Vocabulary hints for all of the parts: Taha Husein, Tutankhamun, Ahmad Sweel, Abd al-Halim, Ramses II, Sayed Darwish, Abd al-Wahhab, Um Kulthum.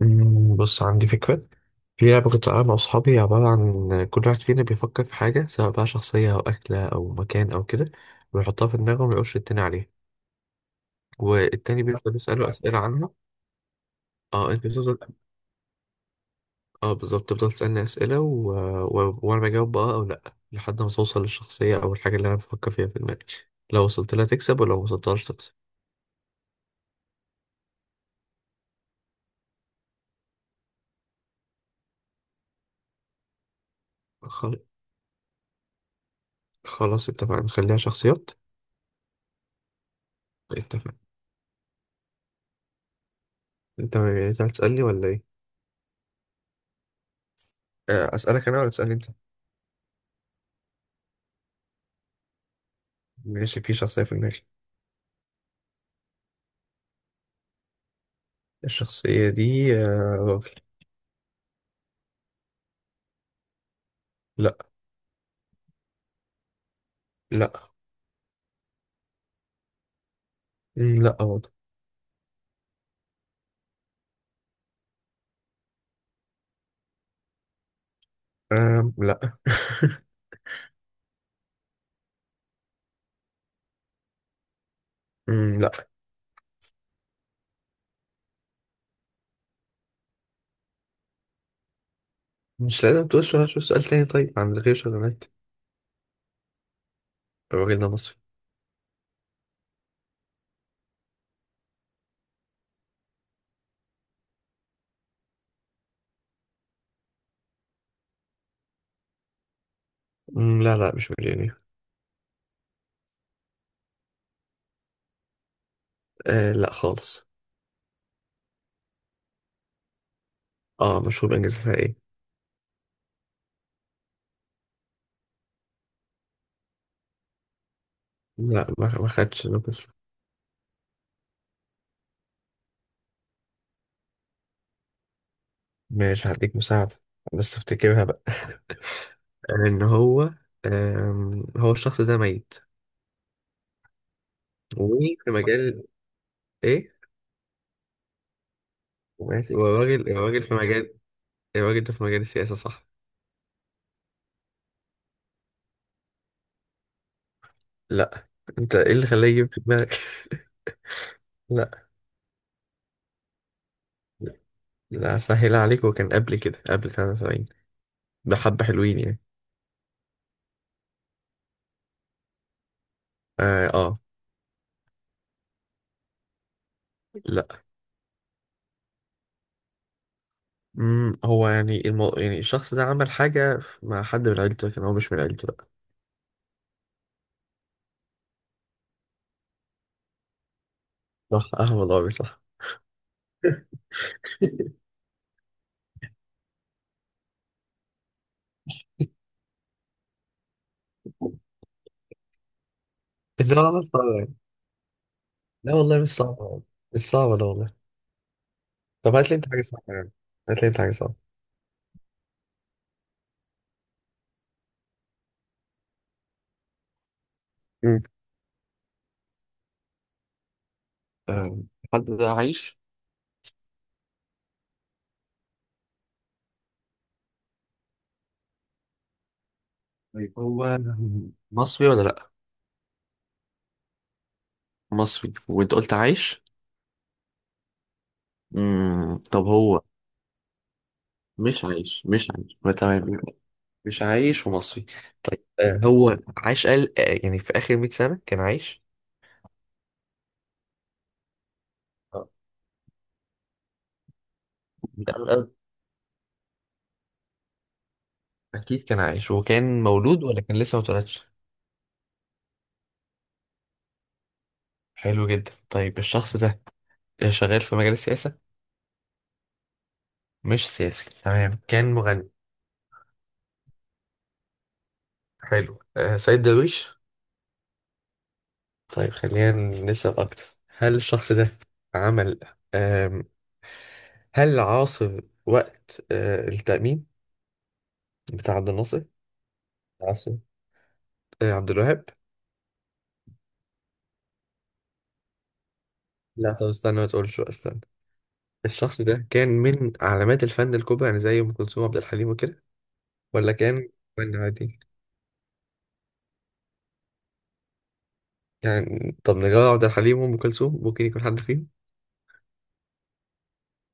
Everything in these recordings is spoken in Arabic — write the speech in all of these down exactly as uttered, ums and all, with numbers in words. مم، بص عندي فكرة. في لعبة كنت بلعبها مع أصحابي عبارة عن كل واحد فينا بيفكر في حاجة سواء بقى شخصية أو أكلة أو مكان أو كده، ويحطها في دماغه وما يقولش التاني عليها. والتاني بيفضل يسأله أسئلة عنها. اه أنت بتفضل، اه بالظبط تفضل تسألني أسئلة و... و... وأنا بجاوب بقى أو لأ، لحد ما توصل للشخصية أو الحاجة اللي أنا بفكر فيها في دماغي. لو وصلت لها تكسب ولو ما وصلتهاش تكسب. خل... خلاص اتفقنا نخليها شخصيات. اتفقنا. أنت أنت هتسألني ولا إيه؟ آه، أسألك أنا ولا تسألني أنت؟ ماشي في شخصية في دماغي. الشخصية دي آه، راجل. لا. لا. مم، لا برضه. آم، لا مم، لا. مش لازم تقول سؤال، شو سؤال تاني طيب عن غير شغلانات. الراجل ده مصري. مم، لا، لا مش مليونير. آه لا خالص. اه مشهور بإنجازاتها ايه. لا، ما ما خدش نوبل. ماشي هديك مساعدة، بس افتكرها بقى. آه، ان هو آم، هو الشخص ده ميت. وفي مجال، ايه. ماشي والراجل الراجل في مجال. الراجل ده في مجال السياسة، صح. لا، انت ايه اللي خلاه يجيب في دماغك؟ لا. لا سهل عليك، هو كان قبل كده، قبل تلاتة وسبعين. بحبة حلوين يعني. اه, آه. لا. مم. هو يعني المو... يعني الشخص ده عمل حاجة ف- مع حد من عيلته لكن هو مش من عيلته، لا. صح. اه والله مش صح. لا والله مش صعبة يعني. لا والله مش صعبة، مش صعبة ده والله. طب هات لي انت حاجة صعبة يعني، هات لي انت حاجة صعبة. مم. آه، حد ده عايش؟ طيب هو مصري ولا لا؟ مصري، وانت قلت عايش. مم. طب هو مش عايش، مش عايش، ما تمام. مش عايش ومصري. طيب آه، هو عاش، قال آه، يعني في آخر 100 سنة كان عايش. آه. قال قال أكيد كان عايش. هو كان مولود ولا كان لسه ما اتولدش؟ حلو جدا. طيب الشخص ده آه، شغال في مجال السياسة؟ مش سياسي تمام، كان مغني؟ حلو، آه سيد درويش. طيب خلينا نسأل أكتر. هل الشخص ده عمل، آم، هل عاصر وقت آه التأميم بتاع عبد الناصر؟ عاصر آه عبد الوهاب؟ لا طب استنى، ما تقولش بقى، استنى. الشخص ده كان من علامات الفن الكبرى يعني زي ام كلثوم عبد الحليم وكده، ولا كان فن عادي يعني؟ طب نجاة عبد الحليم وام كلثوم، ممكن يكون حد فيهم.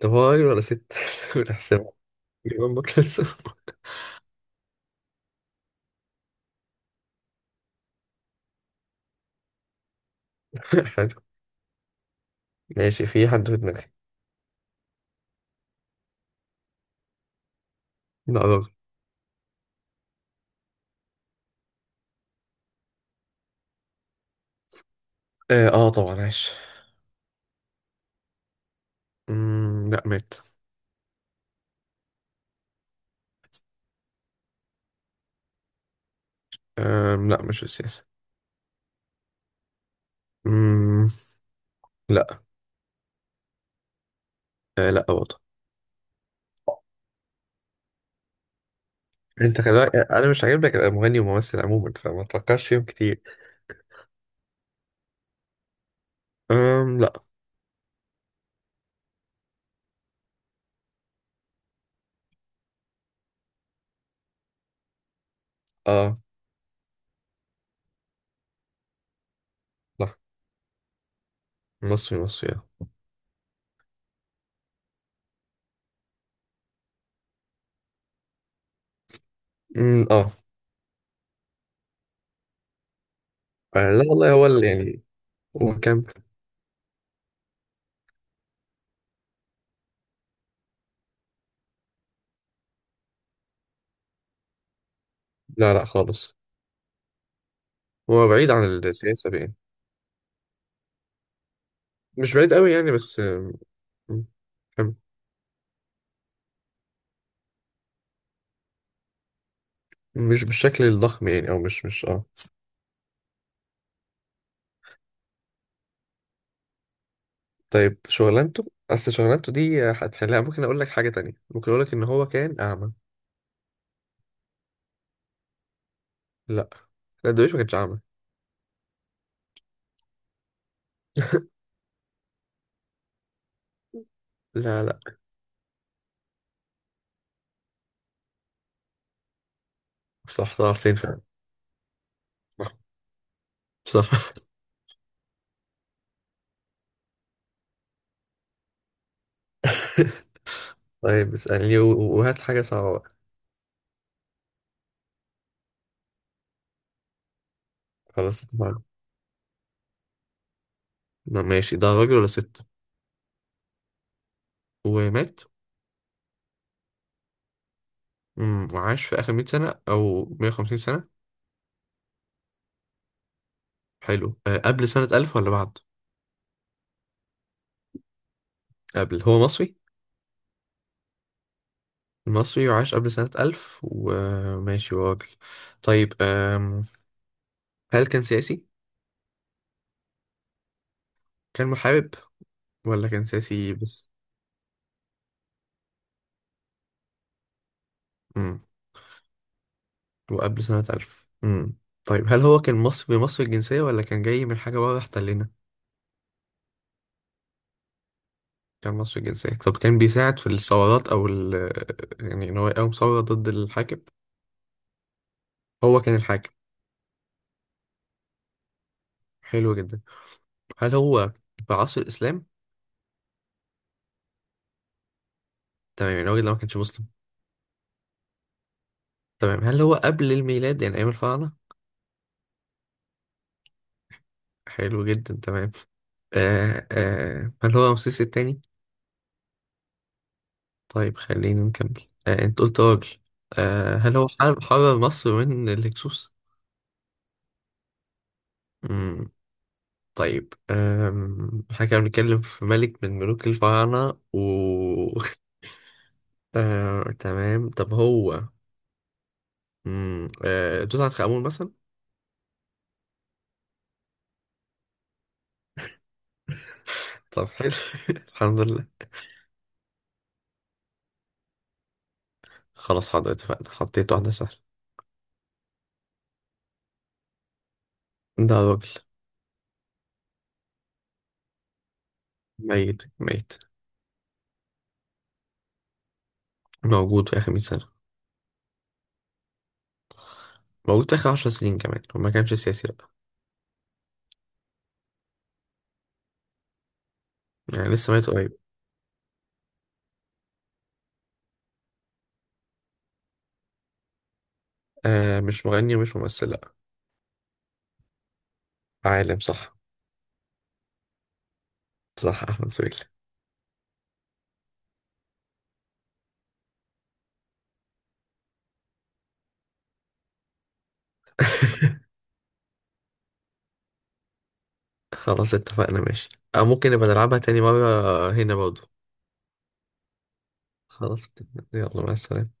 طب هو راجل ولا ست بنحسبها. يبقى ام كلثوم. حلو. ماشي في حد في دماغي. لا راجل. اه, آه طبعا عايش. مم، لا مات. آم، لا مش في السياسة. مم، لا. آه لا برضه. انت خلي بالك انا مش عاجبك ابقى مغني وممثل عموما، فما تفكرش فيهم كتير. أم لا. اه لا. مصري، مصري اه. أمم، آه. آه، لا والله هو ال- يعني هو كام. لا لا خالص. هو بعيد عن السياسة يعني. مش بعيد قوي يعني، بس آم، كم- مش بالشكل الضخم يعني، او مش مش اه. طيب شغلانته، اصل شغلانته دي هتخليها، ممكن اقول لك حاجة تانية، ممكن اقول لك ان هو كان اعمى. لا، لا دويش ما كانش اعمى. لا. لا صح طه حسين فعلا. صح. صح. طيب اسألني و- وهات حاجة صعبة بقى. خلاص اتفقنا. ماشي ده راجل ولا ست؟ ومات. امم، وعاش في آخر 100 سنة أو 150 سنة؟ حلو. أه قبل سنة ألف ولا بعد؟ قبل، هو مصري. مصري وعاش قبل سنة ألف وماشي، هو راجل. طيب أم... هل كان سياسي؟ كان محارب ولا كان سياسي بس؟ امم. وقبل سنة الف. امم. طيب هل هو كان مصري، مصري الجنسية، ولا كان جاي من حاجة بره احتلنا؟ كان مصري الجنسية. طب كان بيساعد في الثورات أو ال... يعني إن هو يقاوم ثورة ضد الحاكم؟ هو كان الحاكم. حلو جدا. هل هو في عصر الإسلام؟ تمام، يعني الراجل ده ما كانش مسلم. تمام، هل هو قبل الميلاد يعني أيام الفراعنة؟ حلو جدا، تمام. آه آه هل هو رمسيس التاني؟ طيب خلينا نكمل، آه أنت قلت راجل. آه هل هو حرب حرر مصر من الهكسوس؟ مم. طيب آم، احنا كنا بنتكلم في ملك من ملوك الفراعنة. و آه، تمام. طب هو مم، آه، توت عنخ آمون مثلا؟ طب حلو. الحمد لله. خلاص حاضر اتفقنا، حطيت واحدة سهلة. ده ميت ميت موجود في آخر 100 سنة. موجود في آخر 10 سنين كمان وما كانش سياسي لأ. يعني لسه ميت قريب. آه مش مغني ومش ممثل لأ. عالم صح. صح أحمد سويل. خلاص اتفقنا، ماشي. أو ممكن نبقى نلعبها تاني مرة هنا برضه. خلاص اتفقنا. يلا مع السلامة.